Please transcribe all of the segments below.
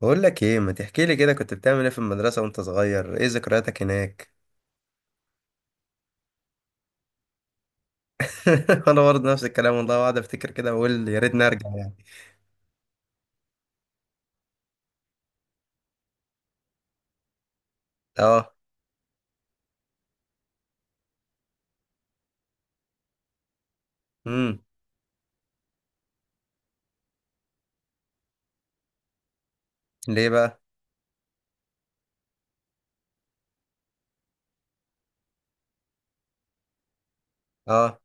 بقول لك ايه، ما تحكي لي كده كنت بتعمل ايه في المدرسة وانت صغير؟ ايه ذكرياتك هناك؟ انا برضه نفس الكلام والله، قاعد افتكر كده واقول يا ريتني ارجع يعني. اه. امم. ليه بقى؟ اه.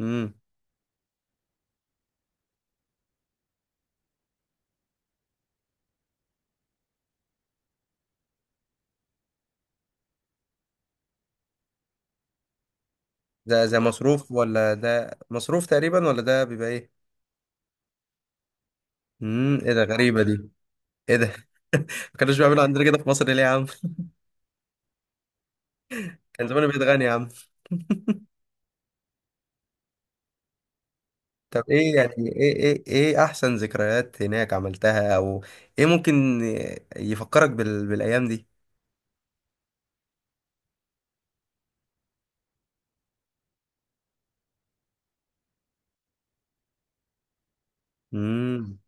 امم. ده مصروف، ولا ده مصروف تقريبا، ولا ده بيبقى ايه؟ امم، ايه ده؟ غريبة دي. ايه ده؟ ما كانوش بيعملوا عندنا كده في مصر ليه يا عم؟ كان زمانه بيتغني يا عم. طب، ايه يعني ايه احسن ذكريات هناك عملتها، او ايه ممكن يفكرك بالايام دي؟ امم.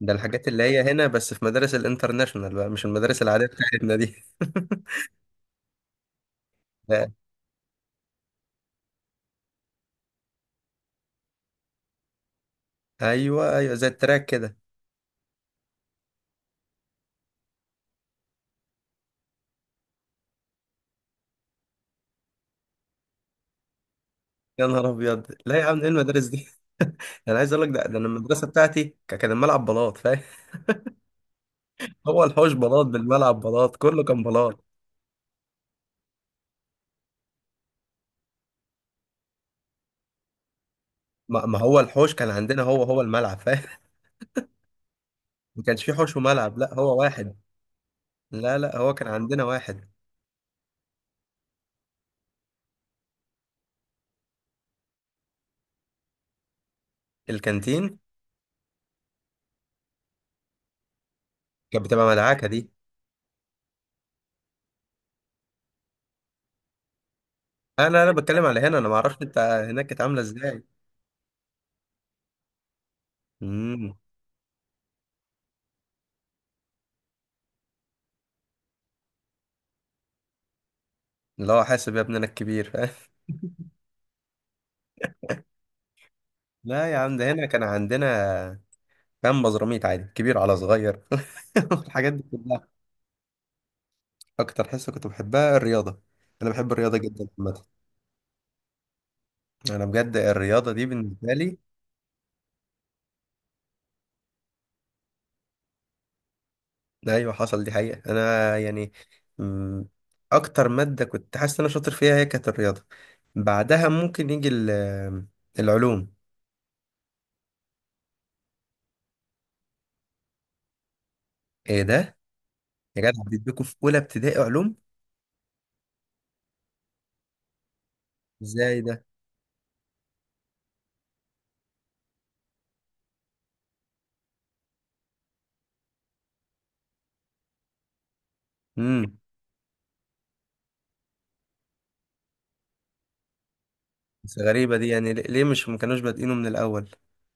ده الحاجات اللي هي هنا بس في مدارس الانترناشونال بقى، مش المدارس العادية بتاعتنا دي. لا. ايوه، ايوه، زي التراك كده. يا نهار ابيض! لا يا عم، ايه المدارس دي؟ انا عايز اقول لك، ده انا المدرسه بتاعتي كان الملعب بلاط، فاهم؟ هو الحوش بلاط بالملعب، بلاط كله كان بلاط. ما هو الحوش كان عندنا هو الملعب، فاهم؟ ما كانش فيه حوش وملعب، لا هو واحد. لا، لا، هو كان عندنا واحد. الكانتين. كانت بتبقى مدعكه دي. انا بتكلم على هنا، انا ما اعرفش انت. هناك كانت عامله ازاي؟ امم. اللي هو حاسب يا ابننا الكبير، فاهم؟ لا يا عم، ده هنا كان عندنا. كان بزراميت عادي، كبير على صغير. الحاجات دي كلها. اكتر حصه كنت بحبها الرياضه. انا بحب الرياضه جدا عامه. انا بجد الرياضه دي بالنسبه لي. ايوه، حصل دي حقيقه، انا يعني. مم، اكتر ماده كنت حاسس ان انا شاطر فيها هي كانت الرياضه. بعدها ممكن يجي العلوم. ايه ده؟ يا جدع، بيديكوا في اولى ابتدائي علوم؟ ازاي ده؟ امم. بس غريبة دي، يعني ليه مش ما كانوش بادئينه من الأول؟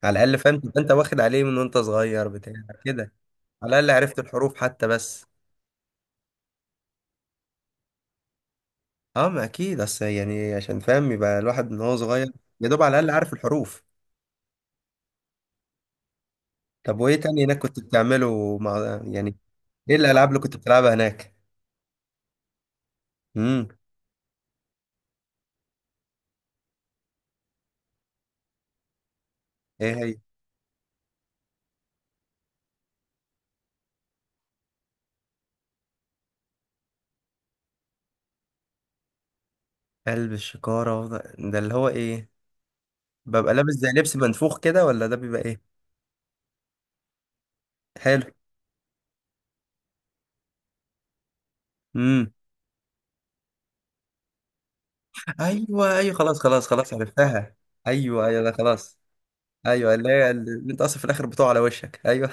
على الأقل فاهم، تبقى أنت واخد عليه من وأنت صغير بتاع كده. على الأقل عرفت الحروف حتى بس. أه، ما أكيد، بس يعني عشان فاهم، يبقى الواحد من هو صغير يا دوب على الأقل عارف الحروف. طب، وإيه تاني هناك كنت بتعمله مع يعني؟ إيه الألعاب اللي كنت بتلعبها هناك؟ امم. إيه هي؟ قلب الشكارة ده اللي هو إيه؟ ببقى لابس زي لبس منفوخ كده ولا ده بيبقى إيه؟ حلو. امم. أيوه، أيوه، خلاص، خلاص، خلاص، عرفتها. أيوه، أيوه، ده خلاص. ايوه، اللي هي اللي انت اصلا في الاخر بتقع على وشك، ايوه.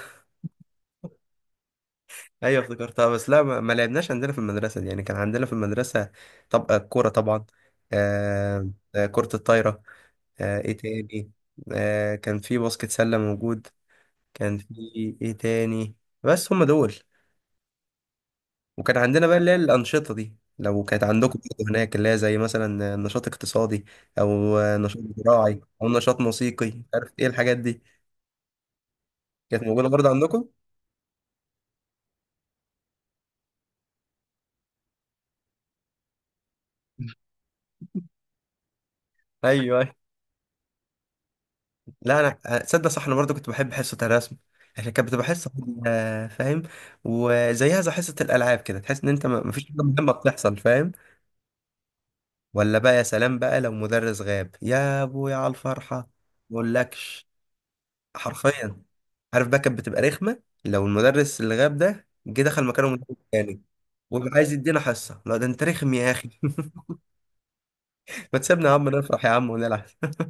ايوه افتكرتها، بس لا ما لعبناش عندنا في المدرسه دي، يعني كان عندنا في المدرسه. طب الكوره طبعا. آه. كره الطايره. ايه تاني؟ كان في باسكت سله موجود. كان في ايه تاني؟ بس هم دول. وكان عندنا بقى اللي هي الانشطه دي، لو كانت عندكم برضه هناك، اللي هي زي مثلا نشاط اقتصادي او نشاط زراعي او نشاط موسيقي، عارف ايه الحاجات دي. كانت موجوده برضه عندكم؟ ايوه، لا انا، تصدق صح، انا برضو كنت بحب حصه الرسم. عشان كانت بتبقى حصه. آه، فاهم؟ وزيها زي حصه الالعاب كده، تحس ان انت مفيش حاجه مهمه بتحصل، فاهم؟ ولا بقى يا سلام بقى لو مدرس غاب يا ابويا على الفرحه. مقولكش. حرفيا. عارف بقى، كانت بتبقى رخمه لو المدرس اللي غاب ده جه دخل مكانه مدرس تاني ويبقى عايز يدينا حصه، لا ده انت رخم يا اخي! ما تسيبنا يا عم نفرح يا عم ونلعب.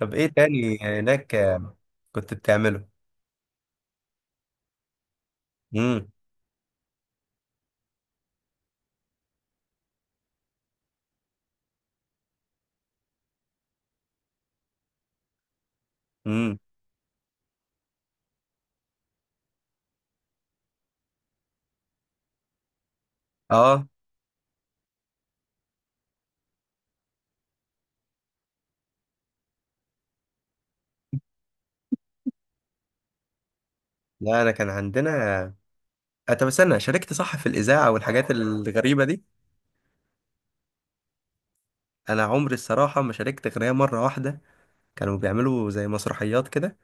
طب ايه تاني هناك كنت بتعمله؟ امم. امم. اه، لا انا كان عندنا طب استنى، شاركت صح في الاذاعه والحاجات الغريبه دي؟ انا عمري الصراحه ما شاركت غير هي مره واحده. كانوا بيعملوا زي مسرحيات كده.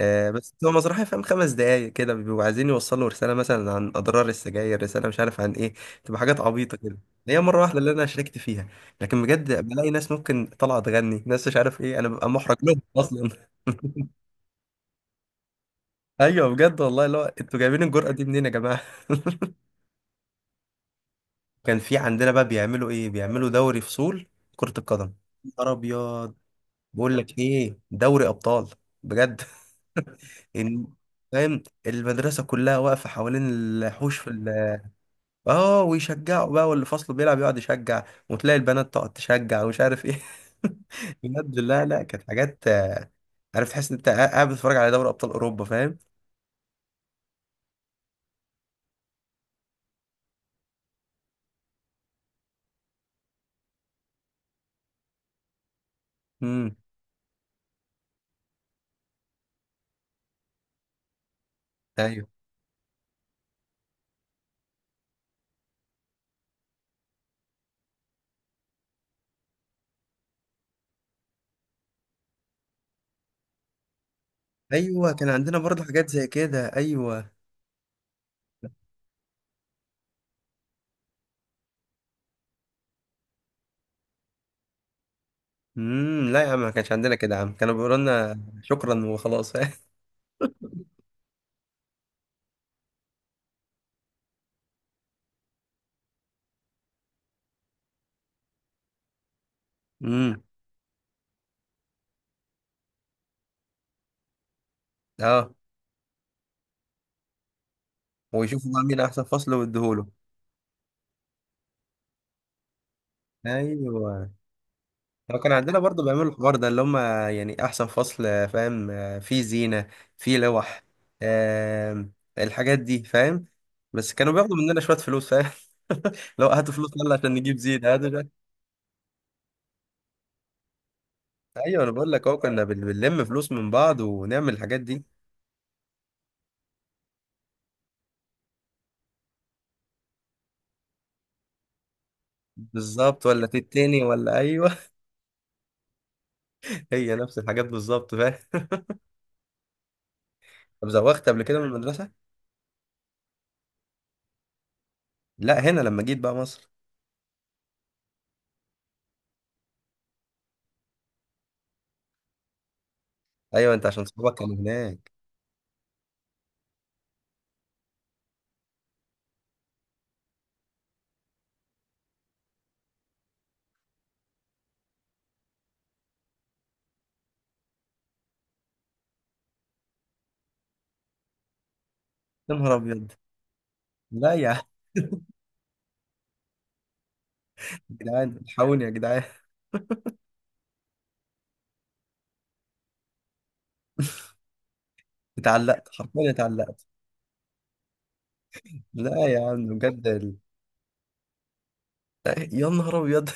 بس هو مسرحيه فاهم، 5 دقايق كده، بيبقوا عايزين يوصلوا رساله مثلا عن اضرار السجاير، رساله مش عارف عن ايه. تبقى حاجات عبيطه كده. هي مره واحده اللي انا شاركت فيها. لكن بجد بلاقي ناس ممكن طالعه تغني، ناس مش عارف ايه، انا ببقى محرج لهم اصلا. ايوه، بجد والله، لا انتوا جايبين الجرأه دي منين يا جماعه؟ كان في عندنا بقى بيعملوا ايه، بيعملوا دوري فصول كرة القدم. نهار ابيض. بقول لك ايه، دوري ابطال. بجد. إن- فاهم، المدرسة كلها واقفة حوالين الحوش اه، ويشجعوا بقى، واللي فصله بيلعب يقعد يشجع. وتلاقي البنات تقعد تشجع ومش عارف ايه. بجد، لا، لا، كانت حاجات، عارف تحس ان انت قاعد بتتفرج على دوري ابطال اوروبا، فاهم؟ امم. ايوه، ايوه، كان عندنا برضه حاجات زي كده، ايوه. امم. لا يا عم، ما كانش عندنا كده يا عم، كانوا بيقولوا لنا شكرا وخلاص. امم. اه، ويشوفوا بقى مين احسن فصل ويديهوله. ايوه. لو كان عندنا برضه بيعملوا الحوار ده اللي هم، يعني احسن فصل فاهم، فيه زينه، فيه لوح، آم، الحاجات دي، فاهم؟ بس كانوا بياخدوا مننا شويه فلوس، فاهم؟ لو هاتوا فلوس، يلا عشان نجيب زينه هاتوا شوية. ايوه، انا بقول لك اهو كنا بنلم فلوس من بعض ونعمل الحاجات دي. بالظبط، ولا تتني ولا ايوه. هي نفس الحاجات بالظبط، فاهم؟ طب زوغت قبل كده من المدرسة؟ لا، هنا لما جيت بقى مصر. ايوه، انت عشان صحابك كانوا هناك. يا نهار ابيض! لا يا عم. يا جدعان، الحقوني يا جدعان! اتعلقت، حرفيا اتعلقت. لا يا عم، بجد لا، يا نهار ابيض.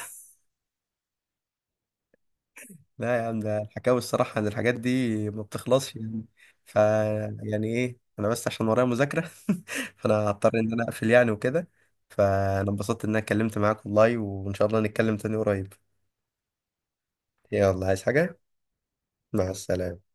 لا يا عم، ده الحكاوي الصراحة ان الحاجات دي ما بتخلصش يعني. ف يعني ايه، انا بس عشان ورايا مذاكرة. فانا هضطر ان انا اقفل يعني وكده. فانا انبسطت ان انا اتكلمت معاك والله، وان شاء الله نتكلم تاني قريب. يلا عايز حاجة؟ مع السلامة.